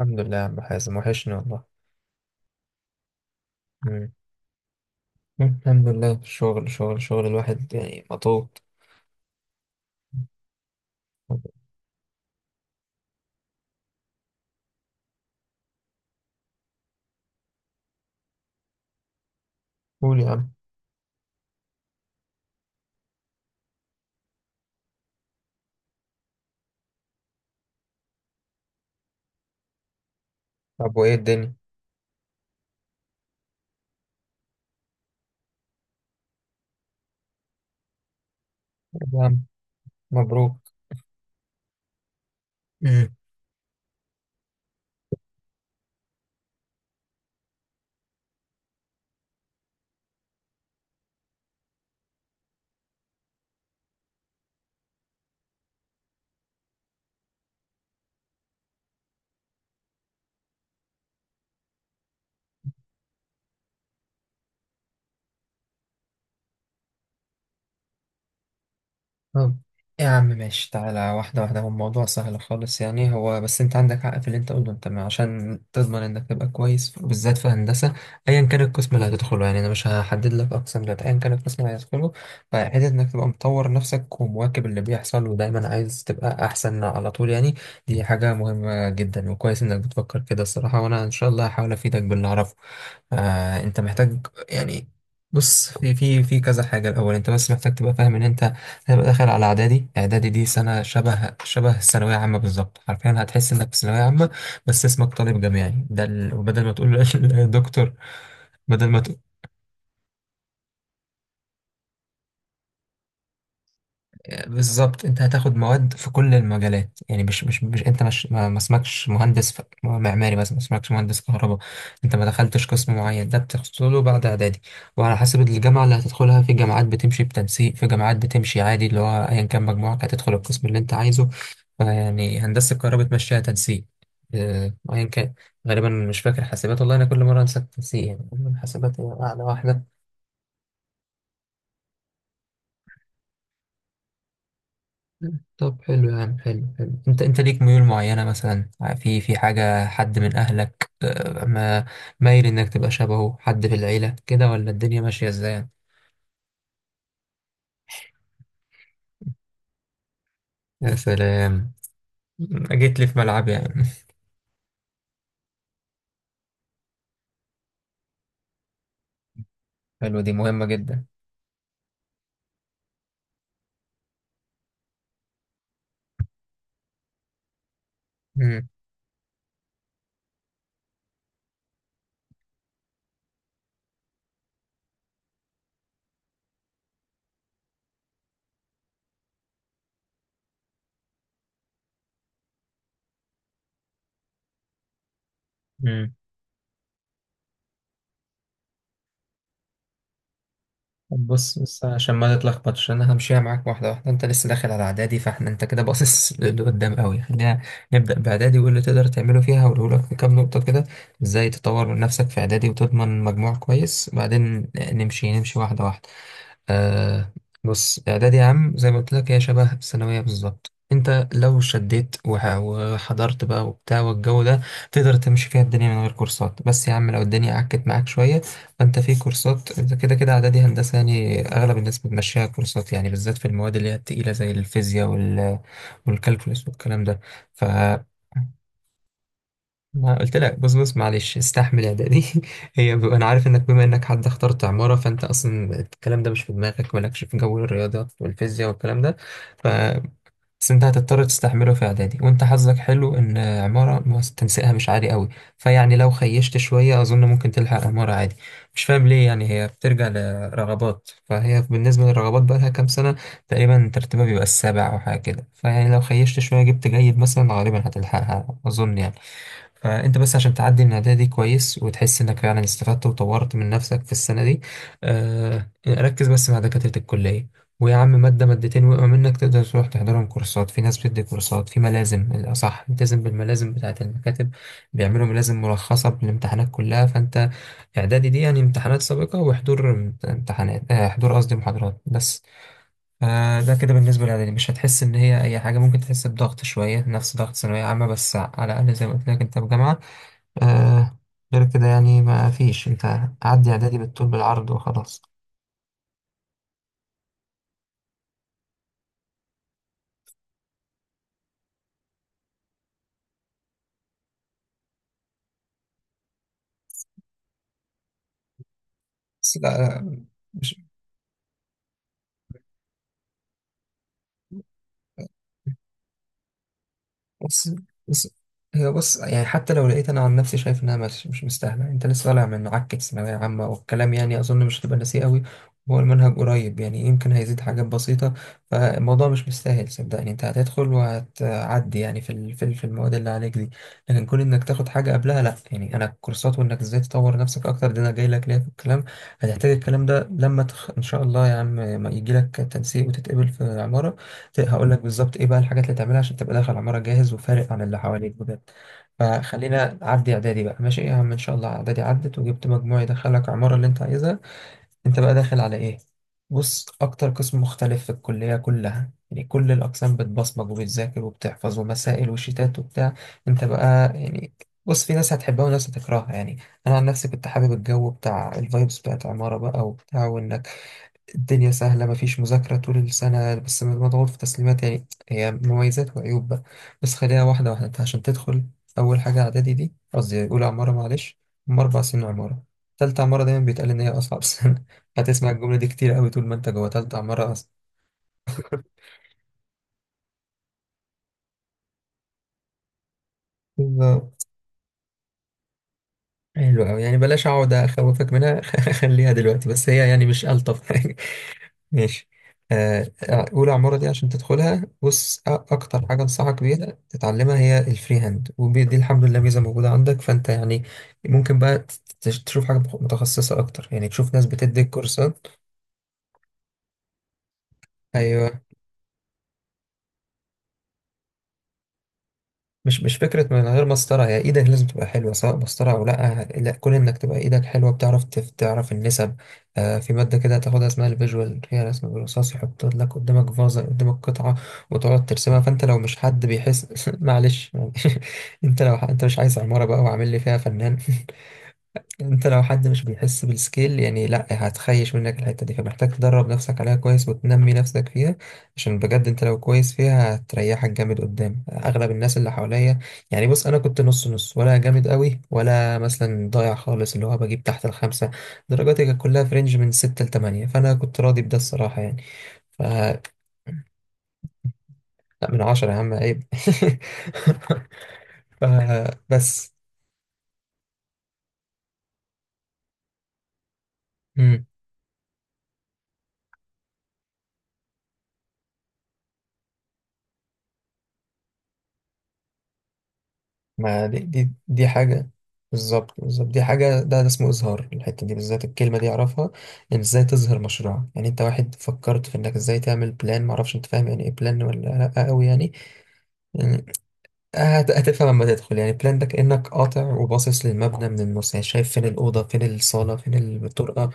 الحمد لله يا عم حازم، وحشني والله. مم. الحمد لله، شغل شغل شغل، الواحد يعني مضغوط. قول يا عم. طب وايه الدنيا؟ طب يا عم، مبروك. مم. طب يا عم ماشي، تعالى واحدة واحدة. هو الموضوع سهل خالص يعني. هو بس انت عندك حق في اللي انت قلته. انت عشان تضمن انك تبقى كويس، بالذات في هندسة، ايا كان القسم اللي هتدخله، يعني انا مش هحدد لك اقسام دلوقتي، ايا كان القسم اللي هتدخله، فحته انك تبقى مطور نفسك ومواكب اللي بيحصل ودايما عايز تبقى احسن على طول يعني. دي حاجة مهمة جدا، وكويس انك بتفكر كده الصراحة، وانا ان شاء الله هحاول افيدك باللي اعرفه. آه انت محتاج يعني، بص في كذا حاجة. الأول أنت بس محتاج تبقى فاهم إن أنت هيبقى داخل على اعدادي. اعدادي دي سنه شبه الثانويه عامه بالظبط، حرفيا هتحس انك في ثانويه عامه، بس اسمك طالب جامعي. ده ال... وبدل ما تقول دكتور، بدل ما تقول، بالظبط. انت هتاخد مواد في كل المجالات يعني، مش انت مش ما اسمكش مهندس معماري مثلا، ما اسمكش مهندس كهرباء. انت ما دخلتش قسم معين، ده بتحصله بعد اعدادي. وعلى حسب الجامعه اللي هتدخلها، في جامعات بتمشي بتنسيق، في جامعات بتمشي عادي، اللي هو ايا كان مجموعك هتدخل القسم اللي انت عايزه. فيعني هندسه الكهرباء بتمشيها تنسيق. اه، ايا كان، غالبا مش فاكر حاسبات. والله انا كل مره انسى التنسيق، يعني حاسبات هي اعلى واحده. طب حلو يا عم، حلو حلو. انت انت ليك ميول معينة مثلا؟ في في حاجة، حد من اهلك آه، ما مايل انك تبقى شبهه حد في العيلة كده، ولا الدنيا ماشية ازاي يعني؟ يا سلام، جيت لي في ملعبي يعني. حلو، دي مهمة جدا. مم. مم. طب بص بص، عشان ما تتلخبطش انا همشيها معاك واحده واحده. انت لسه داخل على اعدادي، فاحنا انت كده باصص لقدام قوي. خلينا نبدا باعدادي، وايه اللي تقدر تعمله فيها. هقوله لك في كام نقطه كده، ازاي تطور من نفسك في اعدادي وتضمن مجموع كويس. بعدين نمشي نمشي واحده واحده. آه. بص اعدادي يا عم، زي ما قلت لك هي شبه الثانويه بالظبط. انت لو شديت وحضرت بقى وبتاع والجو ده، تقدر تمشي فيها الدنيا من غير كورسات. بس يا عم، لو الدنيا عكت معاك شويه، فانت في كورسات. انت كده كده اعدادي هندسه، يعني اغلب الناس بتمشيها كورسات يعني، بالذات في المواد اللي هي التقيله زي الفيزياء وال والكالكولس والكلام ده. ما قلت لك، بص بص معلش، استحمل اعدادي هي ب... انا عارف انك بما انك حد اخترت عمارة، فانت اصلا الكلام ده مش في دماغك، مالكش في جو الرياضيات والفيزياء والكلام ده. ف بس انت هتضطر تستحمله في اعدادي. وانت حظك حلو ان عمارة تنسيقها مش عالي قوي. فيعني لو خيشت شوية، اظن ممكن تلحق عمارة عادي. مش فاهم ليه يعني، هي بترجع لرغبات. فهي بالنسبة للرغبات بقى لها كام سنة تقريبا ترتيبها بيبقى السابع او حاجة كده. فيعني لو خيشت شوية جبت جيد مثلا، غالبا هتلحقها اظن يعني. فانت بس عشان تعدي من العادية دي كويس، وتحس انك فعلا استفدت وطورت من نفسك في السنة دي، آه ركز بس مع دكاترة الكلية. ويا عم مادة مادتين وقعوا منك، تقدر تروح تحضرهم كورسات. في ناس بتدي كورسات، في ملازم. الأصح التزم بالملازم بتاعة المكاتب، بيعملوا ملازم مرخصة بالامتحانات كلها. فانت إعدادي دي يعني امتحانات سابقة وحضور امتحانات، آه حضور قصدي محاضرات بس. آه ده كده بالنسبة للإعدادي. مش هتحس إن هي أي حاجة، ممكن تحس بضغط شوية نفس ضغط ثانوية عامة، بس على الأقل زي ما قلت لك أنت في جامعة. آه، غير كده يعني ما فيش. انت عدي اعدادي بالطول بالعرض وخلاص. بس لا لا، مش بص بص، هي بص يعني. حتى لو لقيت، انا عن نفسي شايف انها مش مستاهله. انت لسه طالع من عكه ثانويه عامه والكلام، يعني اظن مش هتبقى ناسيه قوي. هو المنهج قريب، يعني يمكن هيزيد حاجات بسيطه. فالموضوع مش مستاهل صدقني. انت هتدخل وهتعدي يعني في المواد اللي عليك دي. لكن كون انك تاخد حاجه قبلها لا. يعني انا الكورسات، وانك ازاي تطور نفسك اكتر، ده انا جاي لك ليه في الكلام. هتحتاج الكلام ده لما تخ... ان شاء الله يا عم ما يجي لك تنسيق وتتقبل في عماره، هقول لك بالظبط ايه بقى الحاجات اللي تعملها عشان تبقى داخل عمارة جاهز وفارق عن اللي حواليك بجد. فخلينا عدي اعدادي بقى ماشي يا عم. ان شاء الله اعدادي عدت وجبت مجموع يدخلك العمارة اللي انت عايزها. انت بقى داخل على ايه؟ بص، اكتر قسم مختلف في الكلية كلها، يعني كل الاقسام بتبصمج وبتذاكر وبتحفظ، ومسائل وشيتات وبتاع. انت بقى يعني، بص في ناس هتحبها وناس هتكرهها يعني. انا عن نفسي كنت حابب الجو بتاع الفايبس بتاعت عمارة بقى وبتاع. وان الدنيا سهلة، مفيش مذاكرة طول السنة، بس مضغوط في تسليمات. يعني هي مميزات وعيوب بقى. بس خليها واحدة واحدة. انت عشان تدخل أول حاجة، إعدادي دي قصدي أولى عمارة معلش. هم أربع سنين عمارة. تالتة عمارة دايما بيتقال إن هي أصعب سنة هتسمع الجملة دي كتير أوي طول ما أنت جوه تالتة عمارة أصلا. بالظبط. حلو أوي، يعني بلاش أقعد أخوفك منها خليها دلوقتي، بس هي يعني مش ألطف حاجة. ماشي. آه، أولى عمارة دي عشان تدخلها بص، أكتر حاجة أنصحك بيها تتعلمها هي الفري هاند. ودي دي الحمد لله ميزة موجودة عندك، فأنت يعني ممكن بقى تشوف حاجة متخصصة أكتر، يعني تشوف ناس بتديك كورسات. أيوه. مش فكرة من غير مسطرة، هي ايدك لازم تبقى حلوة سواء مسطرة او لا. لا كون انك تبقى ايدك حلوة، بتعرف تعرف النسب. آه، في مادة كده تاخدها اسمها الفيجوال، هي رسم بالرصاص. يحط لك قدامك فازة، قدامك قطعة وتقعد ترسمها. فانت لو مش حد بيحس معلش يعني. انت لو ح- انت مش عايز عمارة بقى وعامل لي فيها فنان. انت لو حد مش بيحس بالسكيل، يعني لا هتخيش منك الحتة دي. فمحتاج تدرب نفسك عليها كويس، وتنمي نفسك فيها. عشان بجد انت لو كويس فيها هتريحك جامد قدام اغلب الناس اللي حواليا. يعني بص انا كنت نص نص، ولا جامد قوي، ولا مثلا ضايع خالص اللي هو بجيب تحت الخمسة. درجاتي كانت كلها في رينج من ستة لتمانية، فانا كنت راضي بده الصراحة يعني. ف لا من عشرة يا عم، عيب. ف بس. ما دي حاجة. بالظبط بالظبط دي حاجة، ده اسمه إظهار. الحتة دي بالذات الكلمة دي أعرفها، إن إزاي تظهر مشروع. يعني أنت واحد فكرت في إنك إزاي تعمل بلان، معرفش أنت فاهم يعني إيه بلان ولا لأ أوي يعني. يعني هتفهم لما تدخل. يعني بلان ده كأنك قاطع وباصص للمبنى من النص، يعني شايف فين الأوضة، فين الصالة، فين الطرقة.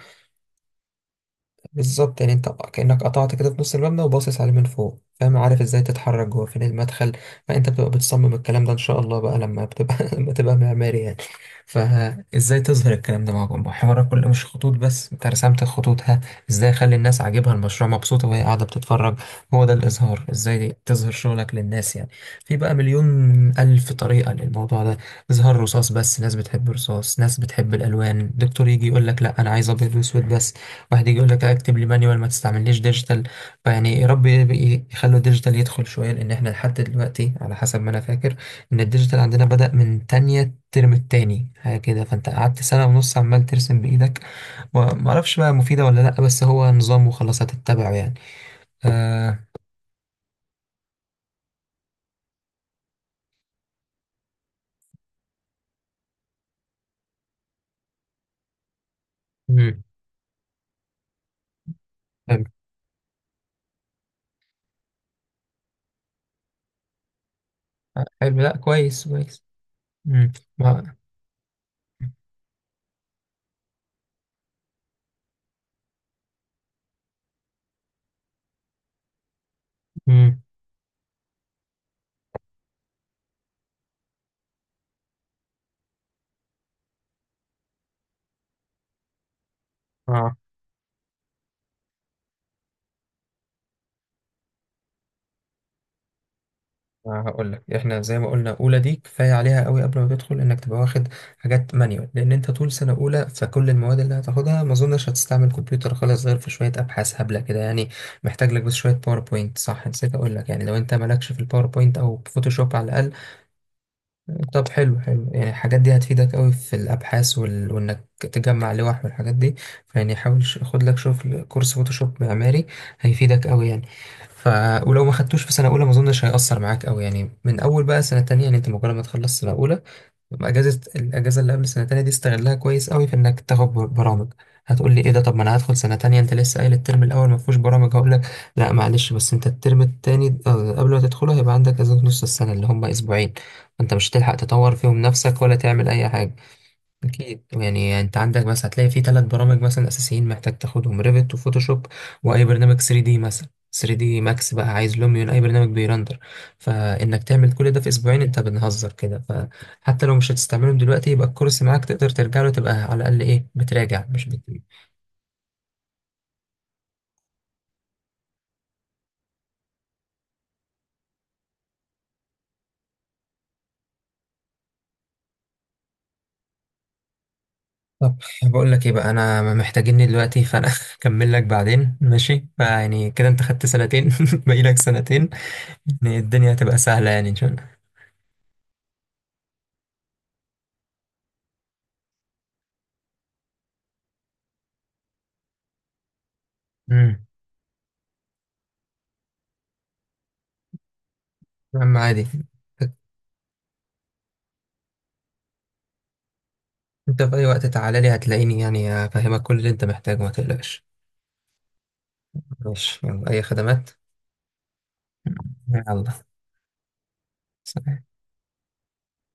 بالظبط يعني انت كأنك قطعت كده في نص المبنى وباصص عليه من فوق، فاهم، عارف ازاي تتحرك جوه، فين المدخل. فانت بتبقى بتصمم الكلام ده ان شاء الله بقى لما بتبقى لما تبقى معماري يعني. فازاي تظهر الكلام ده معاكم؟ حوار كل، مش خطوط بس انت رسمت الخطوط، ها، ازاي اخلي الناس عاجبها المشروع، مبسوطة وهي قاعدة بتتفرج؟ هو ده الاظهار، ازاي تظهر شغلك للناس يعني. في بقى مليون الف طريقة للموضوع ده. اظهار رصاص بس، ناس بتحب الرصاص، ناس بتحب الالوان. دكتور يجي يقول لك لا انا عايز ابيض واسود بس. واحد يجي يقول لك لا اكتب لي مانيوال، ما تستعمليش ديجيتال. فيعني يا رب يخلوا الديجيتال يدخل شويه، لان احنا لحد دلوقتي على حسب ما انا فاكر ان الديجيتال عندنا بدأ من تانية الترم التاني حاجه كده. فانت قعدت سنه ونص عمال ترسم بايدك، وما اعرفش بقى مفيده ولا لا، بس هو نظام وخلاص هتتبعه يعني. آه. مم. حلو. حلو، لا كويس كويس. مم. ما- مم. آه. أنا هقول لك، احنا زي ما قلنا اولى دي كفايه عليها قوي قبل ما تدخل انك تبقى واخد حاجات مانيوال. لان انت طول سنه اولى، فكل المواد اللي هتاخدها ما اظنش هتستعمل كمبيوتر خالص، غير في شويه ابحاث هبله كده يعني. محتاج لك بس شويه باوربوينت، صح نسيت اقول لك، يعني لو انت مالكش في الباوربوينت او فوتوشوب على الاقل. طب حلو، حلو يعني. الحاجات دي هتفيدك قوي في الابحاث وال... وانك تجمع لوح والحاجات دي. فيعني حاول خد لك شغل كورس فوتوشوب معماري، هيفيدك قوي يعني. ف ولو ما خدتوش في سنه اولى، ما اظنش هيأثر معاك قوي يعني. من اول بقى سنه تانية، يعني انت مجرد ما تخلص سنه اولى، اجازه الاجازه اللي قبل سنه تانية دي استغلها كويس قوي في انك تاخد برامج. هتقول لي ايه ده، طب ما انا هدخل سنه تانية، انت لسه قايل الترم الاول ما فيهوش برامج. هقول لك لا معلش، بس انت الترم التاني آه، قبل ما تدخله هيبقى عندك اجازه نص السنه، اللي هم اسبوعين. انت مش هتلحق تطور فيهم نفسك ولا تعمل اي حاجه. أكيد يعني، أنت عندك بس هتلاقي في ثلاث برامج مثلا أساسيين محتاج تاخدهم: ريفيت، وفوتوشوب، وأي برنامج 3 دي مثلا. 3 دي ماكس بقى، عايز لوميون، أي برنامج بيرندر. فإنك تعمل كل ده في أسبوعين، أنت بنهزر كده. فحتى لو مش هتستعملهم دلوقتي يبقى الكورس معاك، تقدر ترجع له، تبقى على الأقل إيه، بتراجع مش بت... طب بقول لك إيه بقى أنا محتاجيني دلوقتي، فأنا أكمل لك بعدين ماشي. فيعني كده أنت خدت سنتين، باقي لك سنتين، يعني الدنيا هتبقى سهلة يعني إن شاء الله. أمم، يا عم عادي. انت في اي وقت تعالى لي هتلاقيني يعني، افهمك كل اللي انت محتاجه ما تقلقش. ماشي، يلا اي خدمات. يلا. سلام.